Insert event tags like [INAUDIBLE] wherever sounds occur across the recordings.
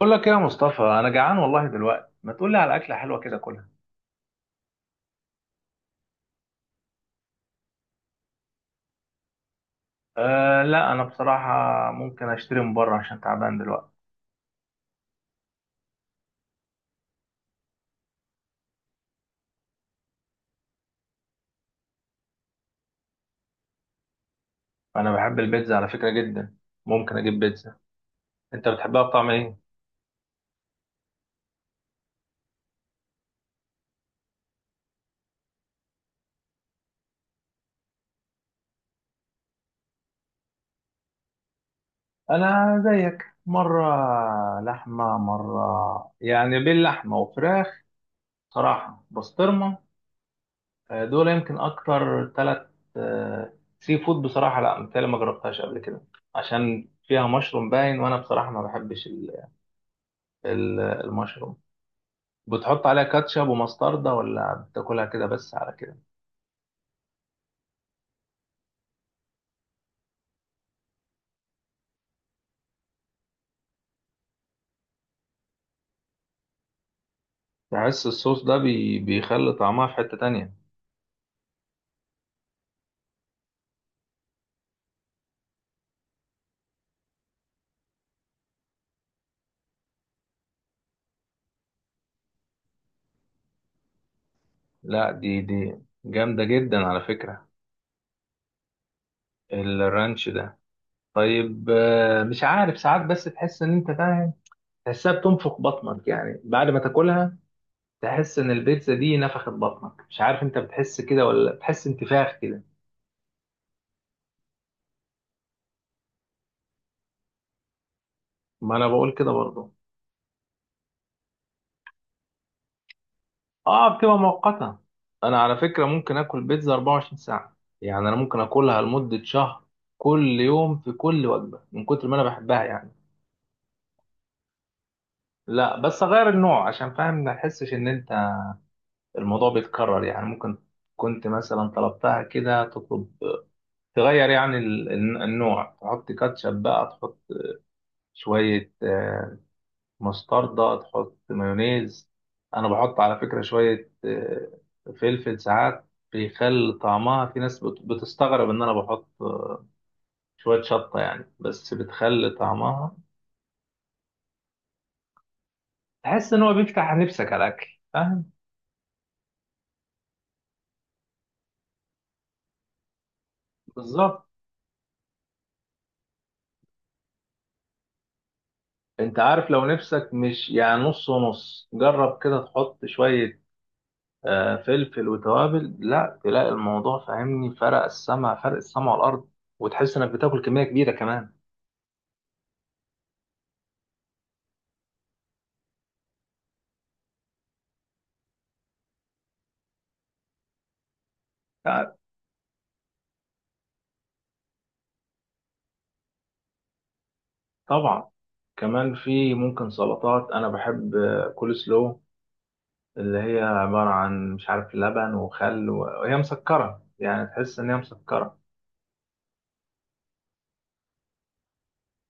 بقول لك ايه يا مصطفى؟ انا جعان والله دلوقتي، ما تقول لي على اكله حلوه كده كلها. أه، لا، انا بصراحه ممكن اشتري من بره عشان تعبان دلوقتي. انا بحب البيتزا على فكره جدا. ممكن اجيب بيتزا. انت بتحبها بطعم ايه؟ انا زيك مره. لحمه مره، يعني بين لحمه وفراخ. صراحه بسطرمه. دول يمكن اكتر ثلاث. سي فود بصراحه، لا متهيألي ما جربتهاش قبل كده. عشان فيها مشروم باين، وانا بصراحه ما بحبش المشروم. بتحط عليها كاتشب ومستردة، ولا بتاكلها كده بس على كده؟ بحس الصوص ده بيخلي طعمها في حتة تانية. لا، دي جامدة جدا على فكرة، الرانش ده. طيب، مش عارف ساعات، بس تحس ان انت فاهم. تحسها بتنفخ بطنك يعني، بعد ما تاكلها تحس ان البيتزا دي نفخت بطنك. مش عارف انت بتحس كده، ولا بتحس انتفاخ كده؟ ما انا بقول كده برضه. اه، بتبقى مؤقتة. انا على فكرة ممكن اكل بيتزا 24 ساعة، يعني انا ممكن اكلها لمدة شهر كل يوم في كل وجبة من كتر ما انا بحبها يعني. لا، بس اغير النوع، عشان فاهم ما تحسش ان انت الموضوع بيتكرر. يعني ممكن كنت مثلا طلبتها كده، تطلب تغير يعني النوع. تحط كاتشب بقى، تحط شوية مستردة، تحط مايونيز. أنا بحط على فكرة شوية فلفل ساعات بيخلي طعمها. في ناس بتستغرب إن أنا بحط شوية شطة، يعني بس بتخلي طعمها. تحس إن هو بيفتح نفسك على الأكل فاهم؟ بالظبط. أنت عارف لو نفسك مش يعني نص ونص، جرب كده تحط شوية فلفل وتوابل، لا تلاقي الموضوع، فاهمني؟ فرق السما، فرق السما والأرض، وتحس إنك بتاكل كمية كبيرة كمان. طبعا. كمان في ممكن سلطات انا بحب، كول سلو، اللي هي عباره عن مش عارف لبن وخل و- وهي مسكره، يعني تحس ان هي مسكره.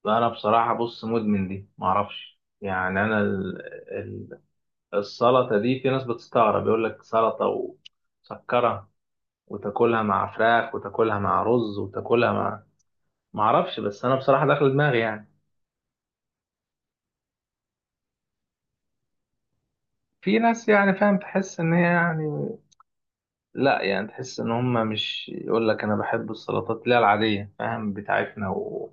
فانا بصراحه بص مدمن دي معرفش يعني. انا ال... السلطه دي، في ناس بتستغرب، يقول لك سلطه، ومسكره، وتاكلها مع فراخ، وتاكلها مع رز، وتاكلها مع معرفش. بس انا بصراحه داخل دماغي يعني. في ناس يعني فاهم، تحس ان هي يعني، لا يعني، تحس ان هم مش، يقول لك انا بحب السلطات، لا العاديه، فاهم، بتاعتنا. وبص،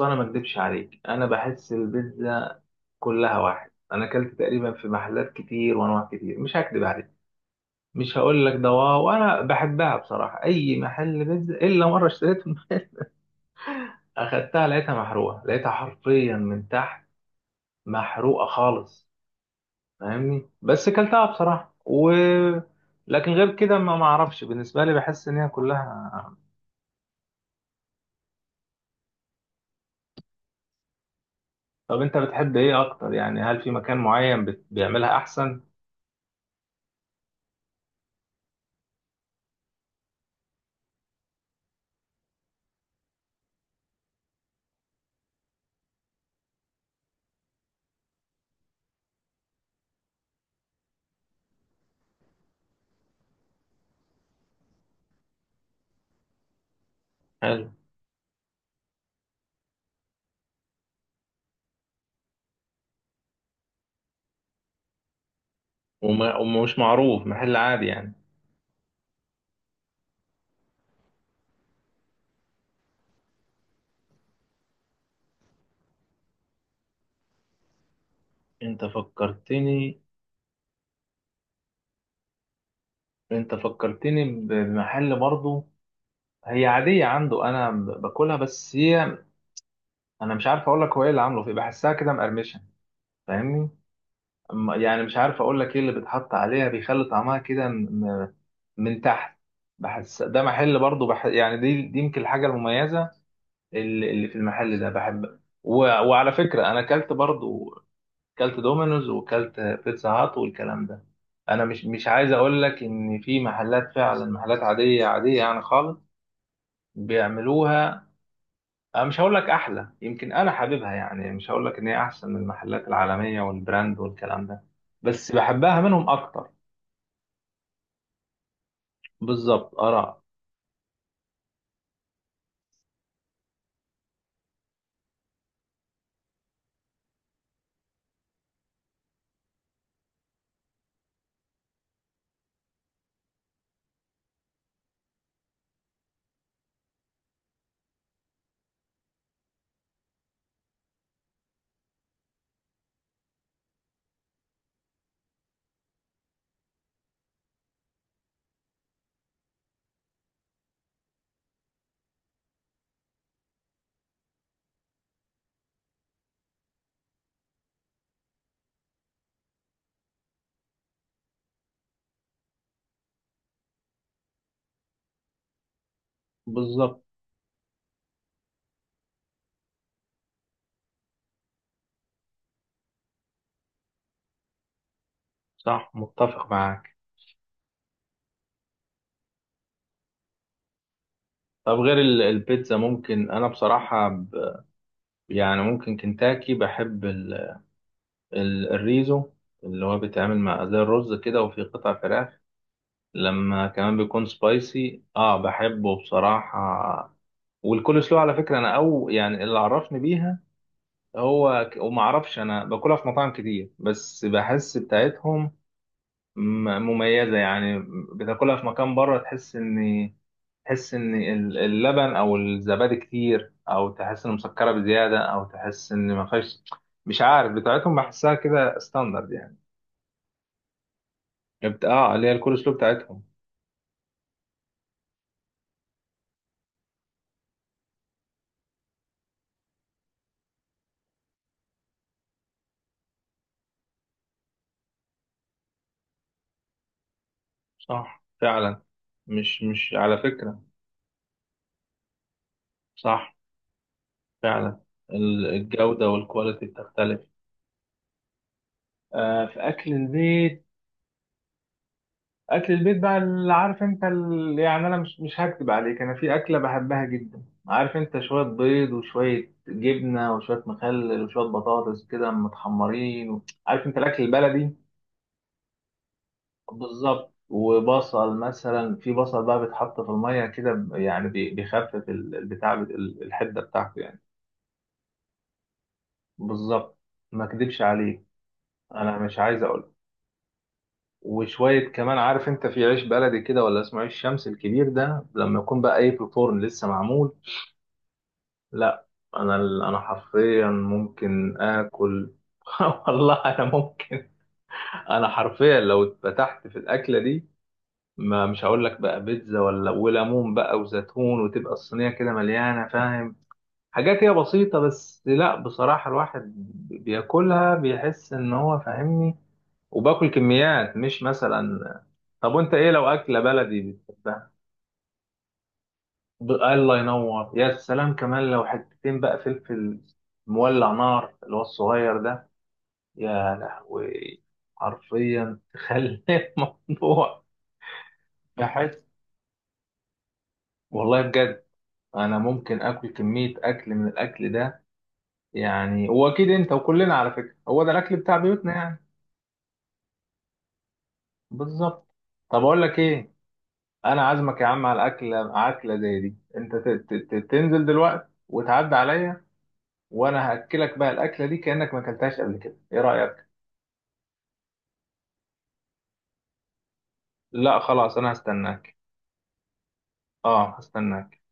انا ما اكدبش عليك، انا بحس البيتزا كلها واحد. انا اكلت تقريبا في محلات كتير وانواع كتير، مش هكدب عليك. مش هقول لك ده واو، انا بحبها بصراحه اي محل بيتزا. الا مره اشتريت [LAUGHS] اخدتها لقيتها محروقه، لقيتها حرفيا من تحت محروقه خالص فاهمني. بس اكلتها بصراحه و لكن غير كده ما اعرفش بالنسبه لي، بحس ان هي كلها. طب انت بتحب ايه اكتر؟ يعني هل في مكان معين بيعملها احسن؟ حلو. ومش معروف، محل عادي يعني؟ انت فكرتني. انت فكرتني بمحل برضه. هي عادية عنده، انا باكلها، بس هي انا مش عارف اقول لك هو ايه اللي عامله فيه، بحسها كده مقرمشة فاهمني. يعني مش عارف اقول لك ايه اللي بيتحط عليها بيخلي طعمها كده من تحت. بحس ده محل برضه يعني دي دي يمكن الحاجة المميزة اللي في المحل ده بحب و... وعلى فكرة أنا أكلت برضو، أكلت دومينوز وأكلت بيتزا هات والكلام ده. أنا مش عايز أقول لك إن في محلات، فعلا محلات عادية عادية يعني خالص بيعملوها. أنا مش هقول لك أحلى، يمكن أنا حاببها يعني. مش هقول لك إن هي أحسن من المحلات العالمية والبراند والكلام ده، بس بحبها منهم أكتر. بالظبط، آراء. بالظبط. صح، متفق معاك. طب غير البيتزا، ممكن أنا بصراحة يعني ممكن كنتاكي بحب الريزو، اللي هو بيتعمل مع زي الرز كده وفي قطع فراخ، لما كمان بيكون سبايسي اه بحبه بصراحة. والكول سلو على فكرة، انا او يعني اللي عرفني بيها هو وما اعرفش. انا باكلها في مطاعم كتير، بس بحس بتاعتهم مميزة يعني. بتاكلها في مكان بره، تحس ان تحس ان اللبن او الزبادي كتير، او تحس ان مسكرة بزيادة، او تحس ان ما فيهاش. مش عارف بتاعتهم بحسها كده ستاندرد يعني. اه، اللي هي الكول سلو بتاعتهم. صح فعلا. مش على فكرة. صح فعلا، الجودة والكواليتي بتختلف. آه، في أكل البيت. أكل البيت بقى اللي عارف أنت يعني. أنا مش هكتب عليك. أنا في أكلة بحبها جدا، عارف أنت؟ شوية بيض، وشوية جبنة، وشوية مخلل، وشوية بطاطس كده متحمرين، و عارف أنت الأكل البلدي. بالظبط. وبصل مثلا، في بصل بقى بيتحط في المية كده يعني بيخفف البتاع الحدة بتاعته يعني. بالظبط. ما اكدبش عليه، انا مش عايز اقول. وشوية كمان، عارف انت في عيش بلدي كده ولا اسمه عيش شمس الكبير ده، لما يكون بقى ايه في الفرن لسه معمول. لا، انا انا حرفيا ممكن اكل. [LAUGHS] والله انا ممكن. انا حرفيا لو اتفتحت في الاكله دي، ما مش هقول لك بقى بيتزا، ولا وليمون بقى وزيتون، وتبقى الصينية كده مليانة فاهم. حاجات هي بسيطة، بس لا بصراحة الواحد بياكلها بيحس ان هو فاهمني. وباكل كميات مش مثلا. طب وانت ايه لو اكلة بلدي بتحبها؟ الله ينور، يا سلام. كمان لو حتتين بقى فلفل مولع نار، اللي هو الصغير ده، يا لهوي. حرفيا تخلي [LAUGHS] الموضوع. بحس والله بجد، انا ممكن اكل كمية اكل من الاكل ده. يعني واكيد انت وكلنا على فكرة هو ده الاكل بتاع بيوتنا يعني. بالظبط. طب اقول لك ايه، انا عازمك يا عم على اكلة اكلة زي دي. انت تنزل دلوقتي وتعدي عليا. وانا هاكلك بقى الاكلة دي كأنك ما اكلتهاش قبل كده. ايه رأيك؟ لا خلاص، انا هستناك. اه، هستناك.